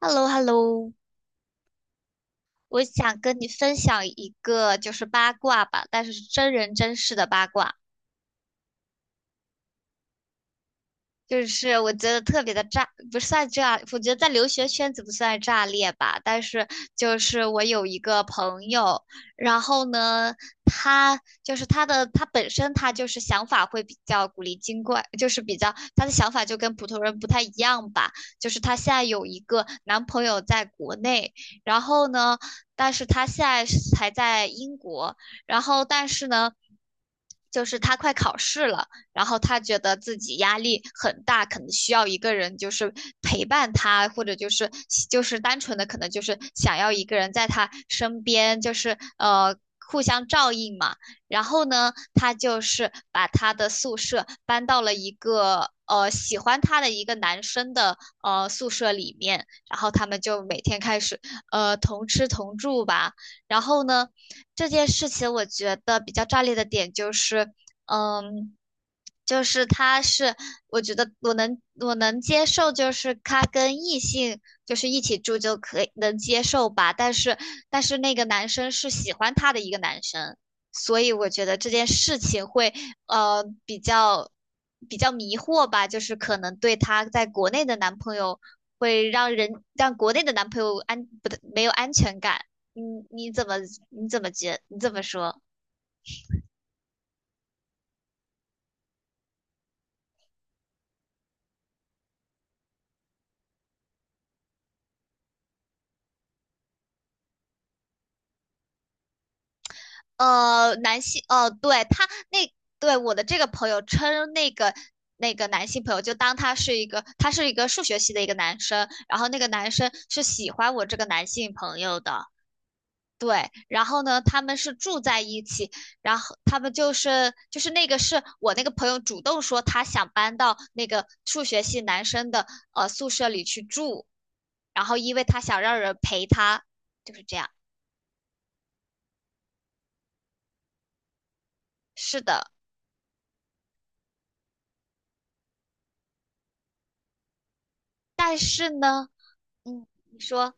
h e l l o h e l l o。 我想跟你分享一个就是八卦吧，但是是真人真事的八卦。就是我觉得特别的炸，不算炸，我觉得在留学圈子不算炸裂吧。但是就是我有一个朋友，然后呢，他就是他的他本身他就是想法会比较古灵精怪，就是比较他的想法就跟普通人不太一样吧。就是他现在有一个男朋友在国内，然后呢，但是他现在是还在英国，然后但是呢。就是他快考试了，然后他觉得自己压力很大，可能需要一个人就是陪伴他，或者就是单纯的可能就是想要一个人在他身边，就是互相照应嘛。然后呢，他就是把他的宿舍搬到了一个喜欢他的一个男生的宿舍里面，然后他们就每天开始同吃同住吧。然后呢，这件事情我觉得比较炸裂的点就是，嗯，就是他是，我觉得我能接受，就是他跟异性就是一起住就可以能接受吧，但是那个男生是喜欢他的一个男生，所以我觉得这件事情会呃比较比较迷惑吧，就是可能对他在国内的男朋友会让人让国内的男朋友安不对没有安全感，嗯，你怎么说？男性，哦，对，他那，对，我的这个朋友称那个男性朋友，就当他是一个，他是一个数学系的一个男生，然后那个男生是喜欢我这个男性朋友的，对，然后呢，他们是住在一起，然后他们就是那个是我那个朋友主动说他想搬到那个数学系男生的宿舍里去住，然后因为他想让人陪他，就是这样，是的，但是呢，嗯，你说。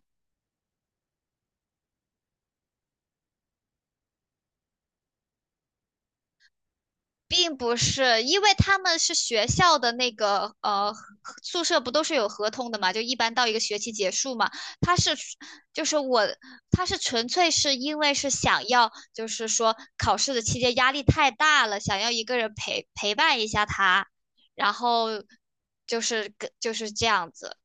并不是，因为他们是学校的那个宿舍，不都是有合同的嘛？就一般到一个学期结束嘛，他是就是我，他是纯粹是因为是想要，就是说考试的期间压力太大了，想要一个人陪伴一下他，然后就是跟就是这样子，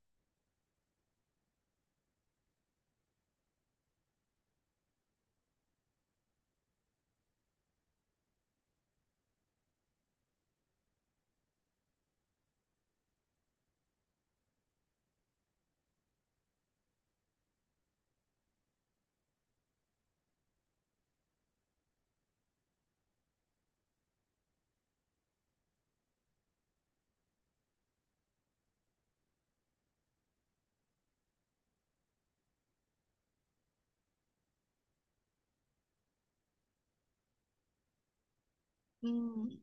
嗯。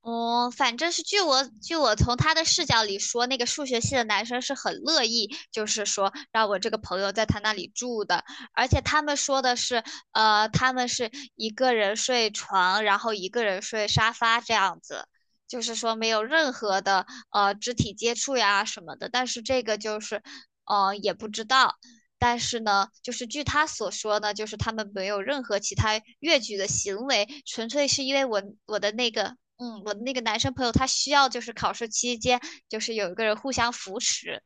哦，反正是据我从他的视角里说，那个数学系的男生是很乐意，就是说让我这个朋友在他那里住的，而且他们说的是，他们是一个人睡床，然后一个人睡沙发这样子，就是说没有任何的肢体接触呀什么的。但是这个就是，也不知道。但是呢，就是据他所说呢，就是他们没有任何其他越矩的行为，纯粹是因为我的那个我的那个男生朋友他需要就是考试期间就是有一个人互相扶持。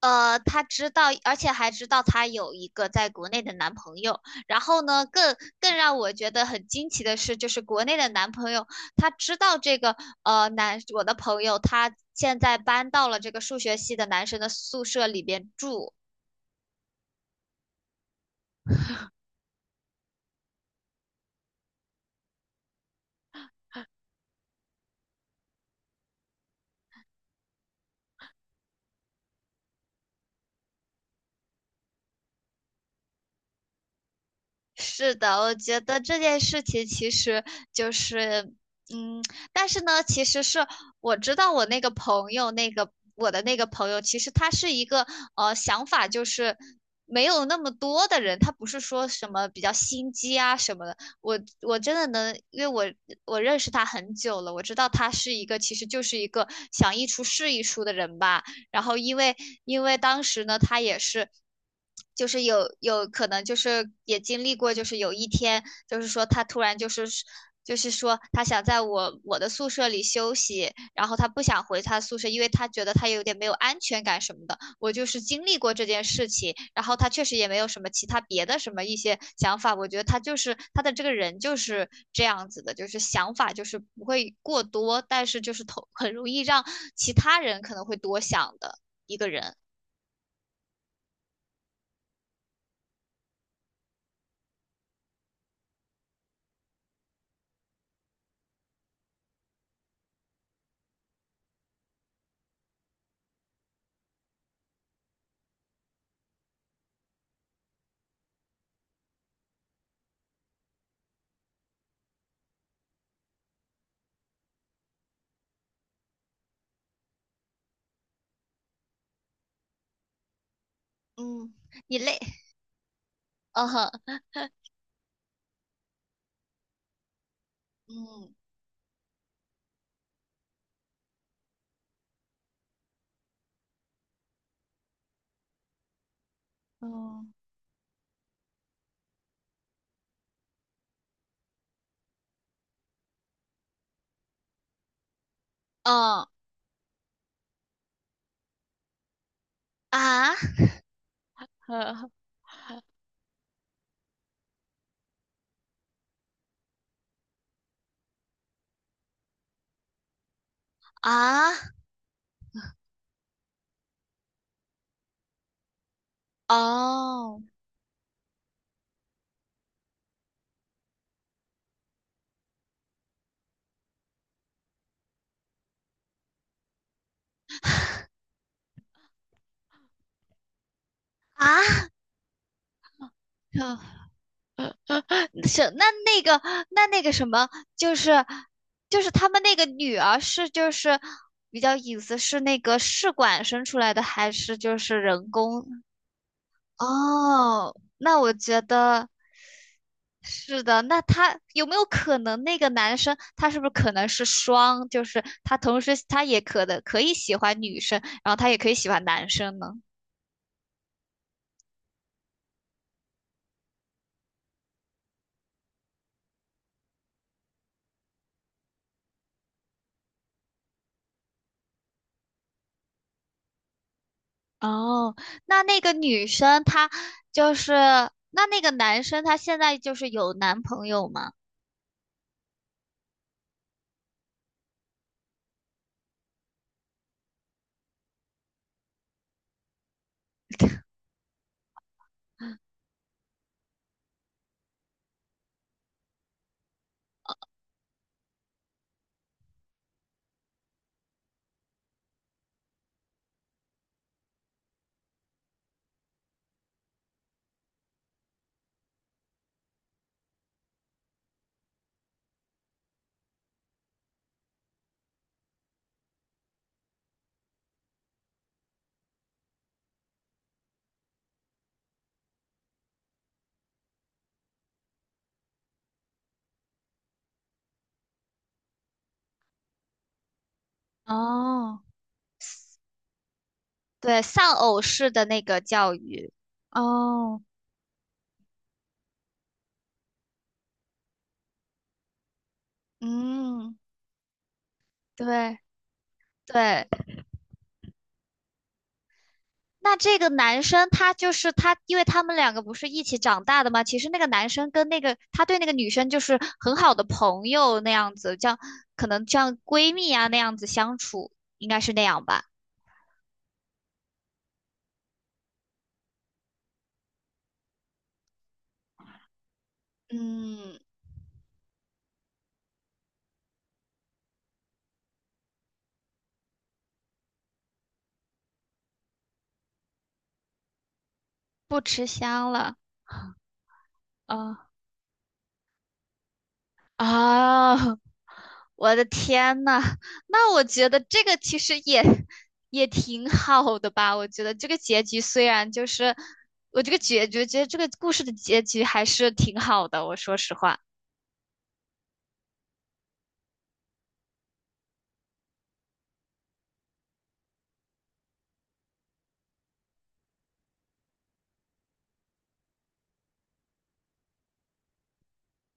他知道，而且还知道他有一个在国内的男朋友。然后呢，更让我觉得很惊奇的是，就是国内的男朋友，他知道这个我的朋友他现在搬到了这个数学系的男生的宿舍里边住。是的，我觉得这件事情其实就是，嗯，但是呢，其实是我知道我那个朋友，那个我的那个朋友，其实他是一个想法就是没有那么多的人，他不是说什么比较心机啊什么的。我真的能，因为我认识他很久了，我知道他是一个其实就是一个想一出是一出的人吧。然后因为当时呢，他也是。就是有可能就是也经历过，就是有一天就是说他突然就是说他想在我的宿舍里休息，然后他不想回他宿舍，因为他觉得他有点没有安全感什么的。我就是经历过这件事情，然后他确实也没有什么其他别的什么一些想法。我觉得他就是他的这个人就是这样子的，就是想法就是不会过多，但是就是头很容易让其他人可能会多想的一个人。嗯，你累，嗯哼，嗯嗯，嗯啊。啊，哦，啊，啊是那个那个什么，就是就是他们那个女儿是就是比较隐私，是那个试管生出来的，还是就是人工？哦，那我觉得是的。那他有没有可能那个男生他是不是可能是双，就是他同时他也可能可以喜欢女生，然后他也可以喜欢男生呢？哦，那个女生她就是，那个男生他现在就是有男朋友吗？哦对，丧偶式的那个教育。哦，嗯，对对。那这个男生他就是他，因为他们两个不是一起长大的吗？其实那个男生跟那个他对那个女生就是很好的朋友那样子，这样可能这样闺蜜啊那样子相处，应该是那样吧？嗯，不吃香了。啊。啊，我的天呐，那我觉得这个其实也挺好的吧。我觉得这个结局虽然就是，我这个结局，觉得这个故事的结局还是挺好的。我说实话，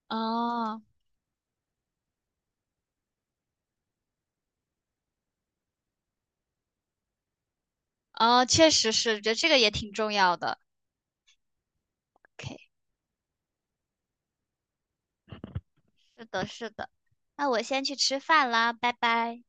哦哦，确实是，觉得这个也挺重要的。OK，是的，是的。那我先去吃饭啦，拜拜。